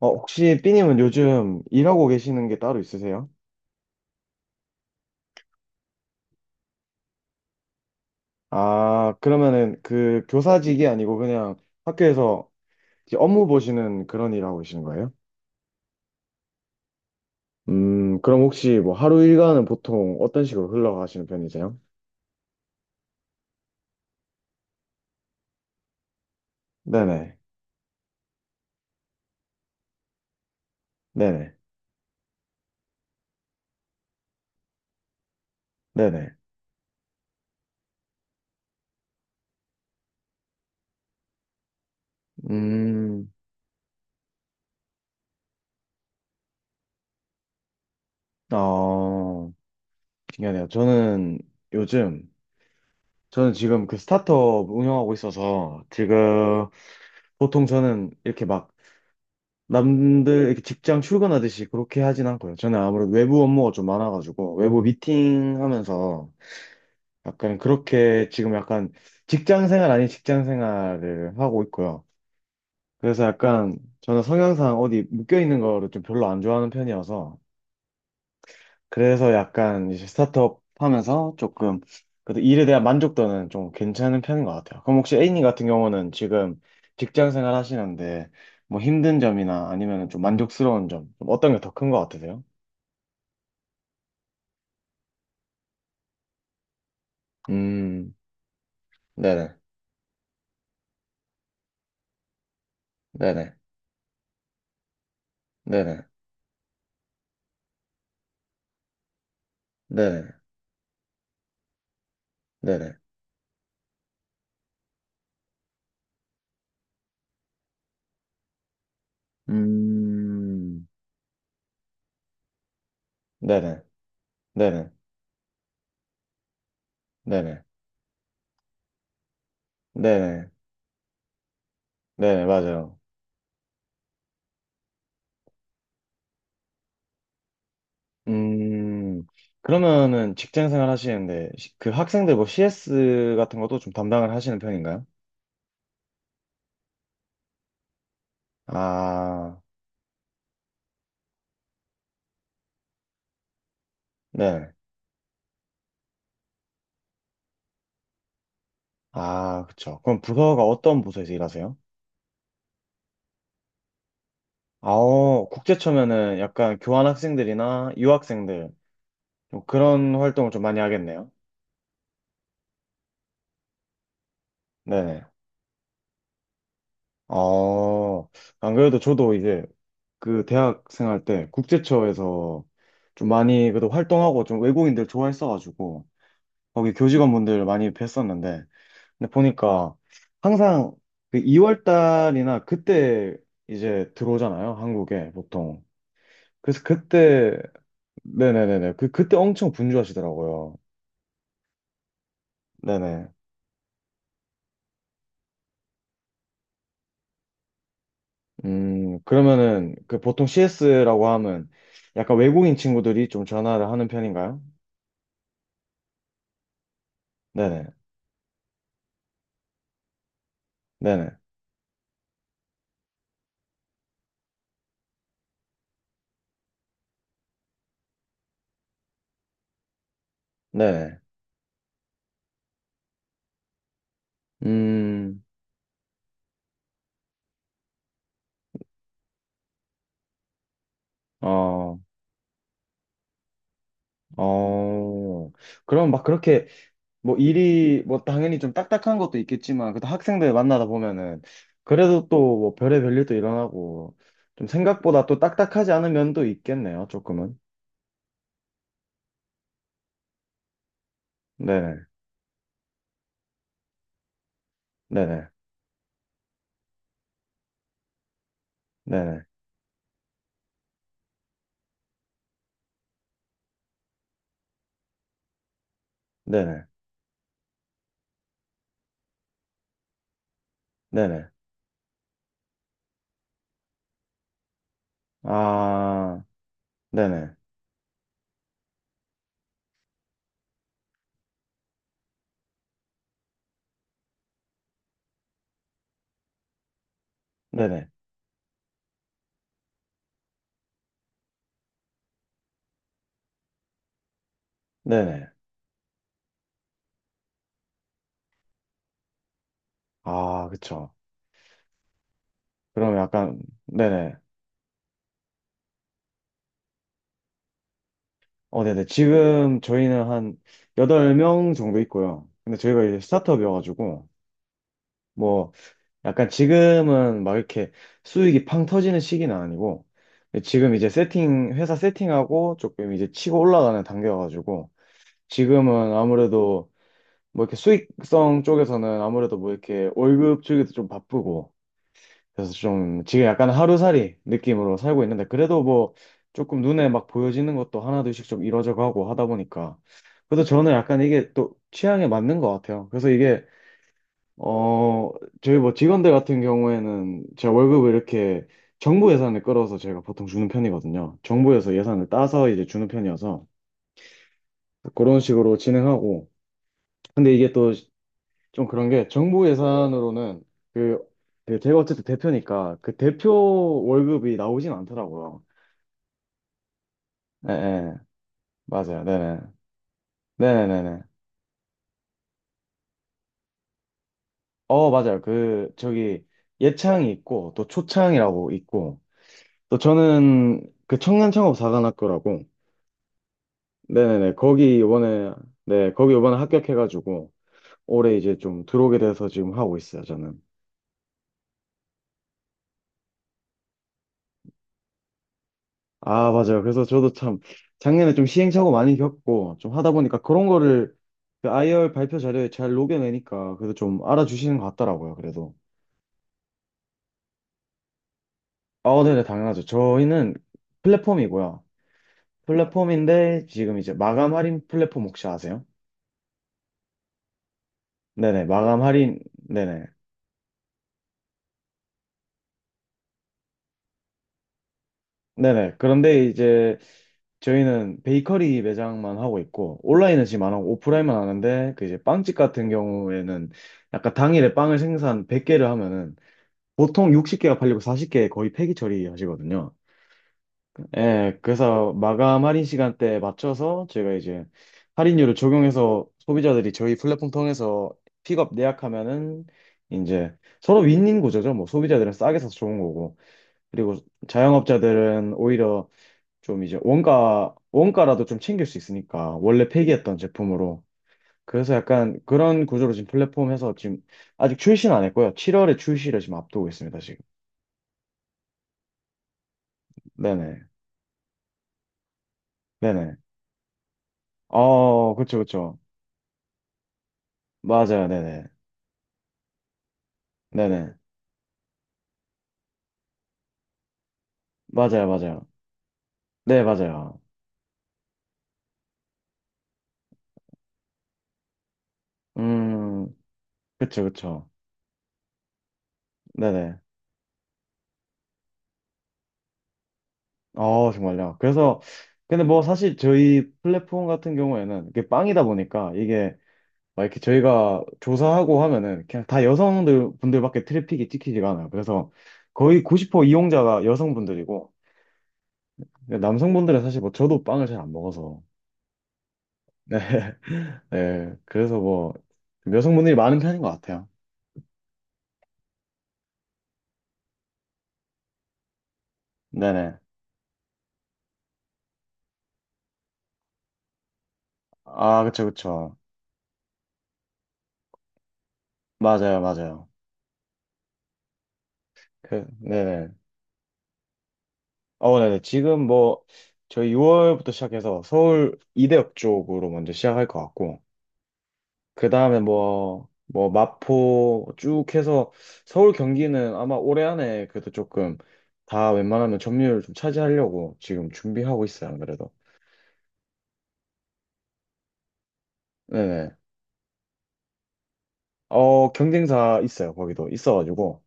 혹시 삐님은 요즘 일하고 계시는 게 따로 있으세요? 아, 그러면은 그 교사직이 아니고 그냥 학교에서 이제 업무 보시는 그런 일 하고 계시는 거예요? 그럼 혹시 뭐 하루 일과는 보통 어떤 식으로 흘러가시는 편이세요? 네네, 네네, 네네. 음, 어, 신기하네요. 요즘, 저는 지금 그 스타트업 운영하고 있어서 지금 보통 저는 이렇게 막 남들 이렇게 직장 출근하듯이 그렇게 하진 않고요. 저는 아무래도 외부 업무가 좀 많아가지고 외부 미팅 하면서 약간 그렇게 지금 약간 직장 생활 아닌 직장 생활을 하고 있고요. 그래서 약간 저는 성향상 어디 묶여 있는 거를 좀 별로 안 좋아하는 편이어서 그래서 약간 이제 스타트업 하면서 조금 그래도 일에 대한 만족도는 좀 괜찮은 편인 것 같아요. 그럼 혹시 A님 같은 경우는 지금 직장 생활 하시는데 뭐 힘든 점이나 아니면 좀 만족스러운 점좀 어떤 게 더 큰 것 같으세요? 음, 네네, 네네, 네네, 네네, 네네, 음, 네네, 네네, 네네, 네네, 네네, 맞아요. 음, 그러면은 직장 생활 하시는데, 그 학생들 뭐 CS 같은 것도 좀 담당을 하시는 편인가요? 아, 네. 아, 그쵸. 그럼 부서가 어떤 부서에서 일하세요? 아, 국제처면은 약간 교환 학생들이나 유학생들, 좀 그런 활동을 좀 많이 하겠네요. 네네. 어, 안 그래도 저도 이제 그 대학 생활 때 국제처에서 좀 많이 그래도 활동하고 좀 외국인들 좋아했어가지고, 거기 교직원분들 많이 뵀었는데, 근데 보니까 항상 그 2월 달이나 그때 이제 들어오잖아요, 한국에 보통. 그래서 그때, 네네네네, 그때 엄청 분주하시더라고요. 네네. 그러면은 그 보통 CS라고 하면 약간 외국인 친구들이 좀 전화를 하는 편인가요? 네네, 네네, 네네. 음 어 어 그럼 막 그렇게 뭐 일이 뭐 당연히 좀 딱딱한 것도 있겠지만 그래도 학생들 만나다 보면은 그래도 또 뭐 별의별 일도 일어나고 좀 생각보다 또 딱딱하지 않은 면도 있겠네요, 조금은. 네네. 네네. 네네. 네네. 네네. 아, 네네. 네네. 네네. 아, 그쵸. 그럼 약간 네네. 어, 네네. 지금 저희는 한 여덟 명 정도 있고요. 근데 저희가 이제 스타트업이어가지고 뭐 약간 지금은 막 이렇게 수익이 팡 터지는 시기는 아니고 지금 이제 세팅 회사 세팅하고 조금 이제 치고 올라가는 단계여가지고 지금은 아무래도 뭐 이렇게 수익성 쪽에서는 아무래도 뭐 이렇게 월급 주기도 좀 바쁘고 그래서 좀 지금 약간 하루살이 느낌으로 살고 있는데 그래도 뭐 조금 눈에 막 보여지는 것도 하나둘씩 좀 이뤄져 가고 하다 보니까 그래도 저는 약간 이게 또 취향에 맞는 것 같아요. 그래서 이게, 어, 저희 뭐 직원들 같은 경우에는 제가 월급을 이렇게 정부 예산을 끌어서 제가 보통 주는 편이거든요. 정부에서 예산을 따서 이제 주는 편이어서 그런 식으로 진행하고. 근데 이게 또 좀 그런 게 정부 예산으로는 그, 그 제가 어쨌든 대표니까 그 대표 월급이 나오진 않더라고요. 예, 예. 맞아요. 네네. 네네네네. 어, 맞아요. 그, 저기 예창이 있고 또 초창이라고 있고 또 저는 그 청년창업사관학교라고 네네네. 거기 이번에, 네, 거기 이번에 합격해가지고, 올해 이제 좀 들어오게 돼서 지금 하고 있어요, 저는. 아, 맞아요. 그래서 저도 참, 작년에 좀 시행착오 많이 겪고, 좀 하다 보니까 그런 거를 그 IR 발표 자료에 잘 녹여내니까, 그래도 좀 알아주시는 것 같더라고요, 그래도. 아, 네네, 당연하죠. 저희는 플랫폼이고요. 플랫폼인데, 지금 이제 마감 할인 플랫폼 혹시 아세요? 네네, 마감 할인, 네네. 네네. 그런데 이제 저희는 베이커리 매장만 하고 있고 온라인은 지금 안 하고 오프라인만 하는데 그 이제 빵집 같은 경우에는 약간 당일에 빵을 생산 100개를 하면은 보통 60개가 팔리고 40개 거의 폐기 처리하시거든요. 예, 그래서 마감 할인 시간대에 맞춰서 저희가 이제 할인율을 적용해서 소비자들이 저희 플랫폼 통해서 픽업 예약하면은 이제 서로 윈윈 구조죠. 뭐 소비자들은 싸게 사서 좋은 거고 그리고 자영업자들은 오히려 좀 이제 원가, 원가라도 좀 챙길 수 있으니까, 원래 폐기했던 제품으로. 그래서 약간 그런 구조로 지금 플랫폼에서 지금 아직 출시는 안 했고요. 7월에 출시를 지금 앞두고 있습니다, 지금. 네네. 네네. 어, 그쵸, 그쵸. 맞아요, 네네. 네네. 맞아요, 맞아요. 네, 맞아요. 음, 그쵸, 그쵸. 네네. 어, 정말요. 그래서, 근데 뭐 사실 저희 플랫폼 같은 경우에는 이게 빵이다 보니까 이게 막 이렇게 저희가 조사하고 하면은 그냥 다 여성들 분들밖에 트래픽이 찍히지가 않아요. 그래서 거의 90% 이용자가 여성분들이고 남성분들은 사실 뭐 저도 빵을 잘 안 먹어서 네, 네. 그래서 뭐 여성분들이 많은 편인 것 같아요. 네네. 아, 그쵸, 그쵸. 맞아요, 맞아요. 그 네네. 어 네네. 지금 뭐 저희 6월부터 시작해서 서울 이대역 쪽으로 먼저 시작할 것 같고 그 다음에 마포 쭉 해서 서울 경기는 아마 올해 안에 그래도 조금 다 웬만하면 점유율 좀 차지하려고 지금 준비하고 있어요, 안 그래도. 네네. 어, 경쟁사 있어요, 거기도. 있어가지고.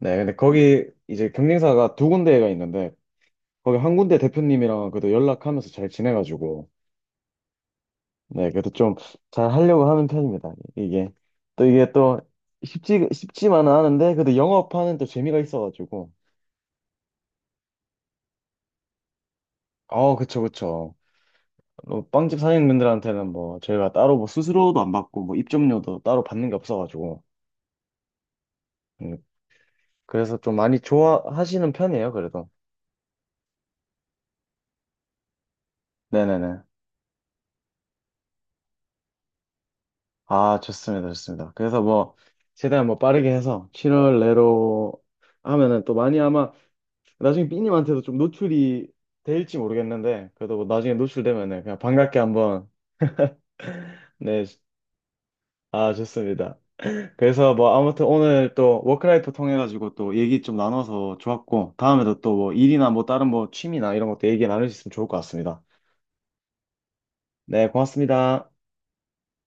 네, 근데 거기 이제 경쟁사가 두 군데가 있는데, 거기 한 군데 대표님이랑 그래도 연락하면서 잘 지내가지고, 네, 그래도 좀 잘 하려고 하는 편입니다, 이게. 또 이게 또 쉽지, 쉽지만은 않은데, 그래도 영업하는 또 재미가 있어가지고. 어, 그쵸, 그쵸. 뭐 빵집 사장님들한테는 뭐 저희가 따로 뭐 수수료도 안 받고 뭐 입점료도 따로 받는 게 없어가지고 음, 그래서 좀 많이 좋아하시는 편이에요 그래도. 네네네. 아, 좋습니다, 좋습니다. 그래서 뭐 최대한 뭐 빠르게 해서 7월 내로 하면은 또 많이 아마 나중에 삐님한테도 좀 노출이 될지 모르겠는데 그래도 뭐 나중에 노출되면은 그냥 반갑게 한번 네. 아, 좋습니다. 그래서 뭐 아무튼 오늘 또 워크라이프 통해가지고 또 얘기 좀 나눠서 좋았고 다음에도 또 뭐 일이나 뭐 다른 뭐 취미나 이런 것도 얘기 나눌 수 있으면 좋을 것 같습니다. 네, 고맙습니다.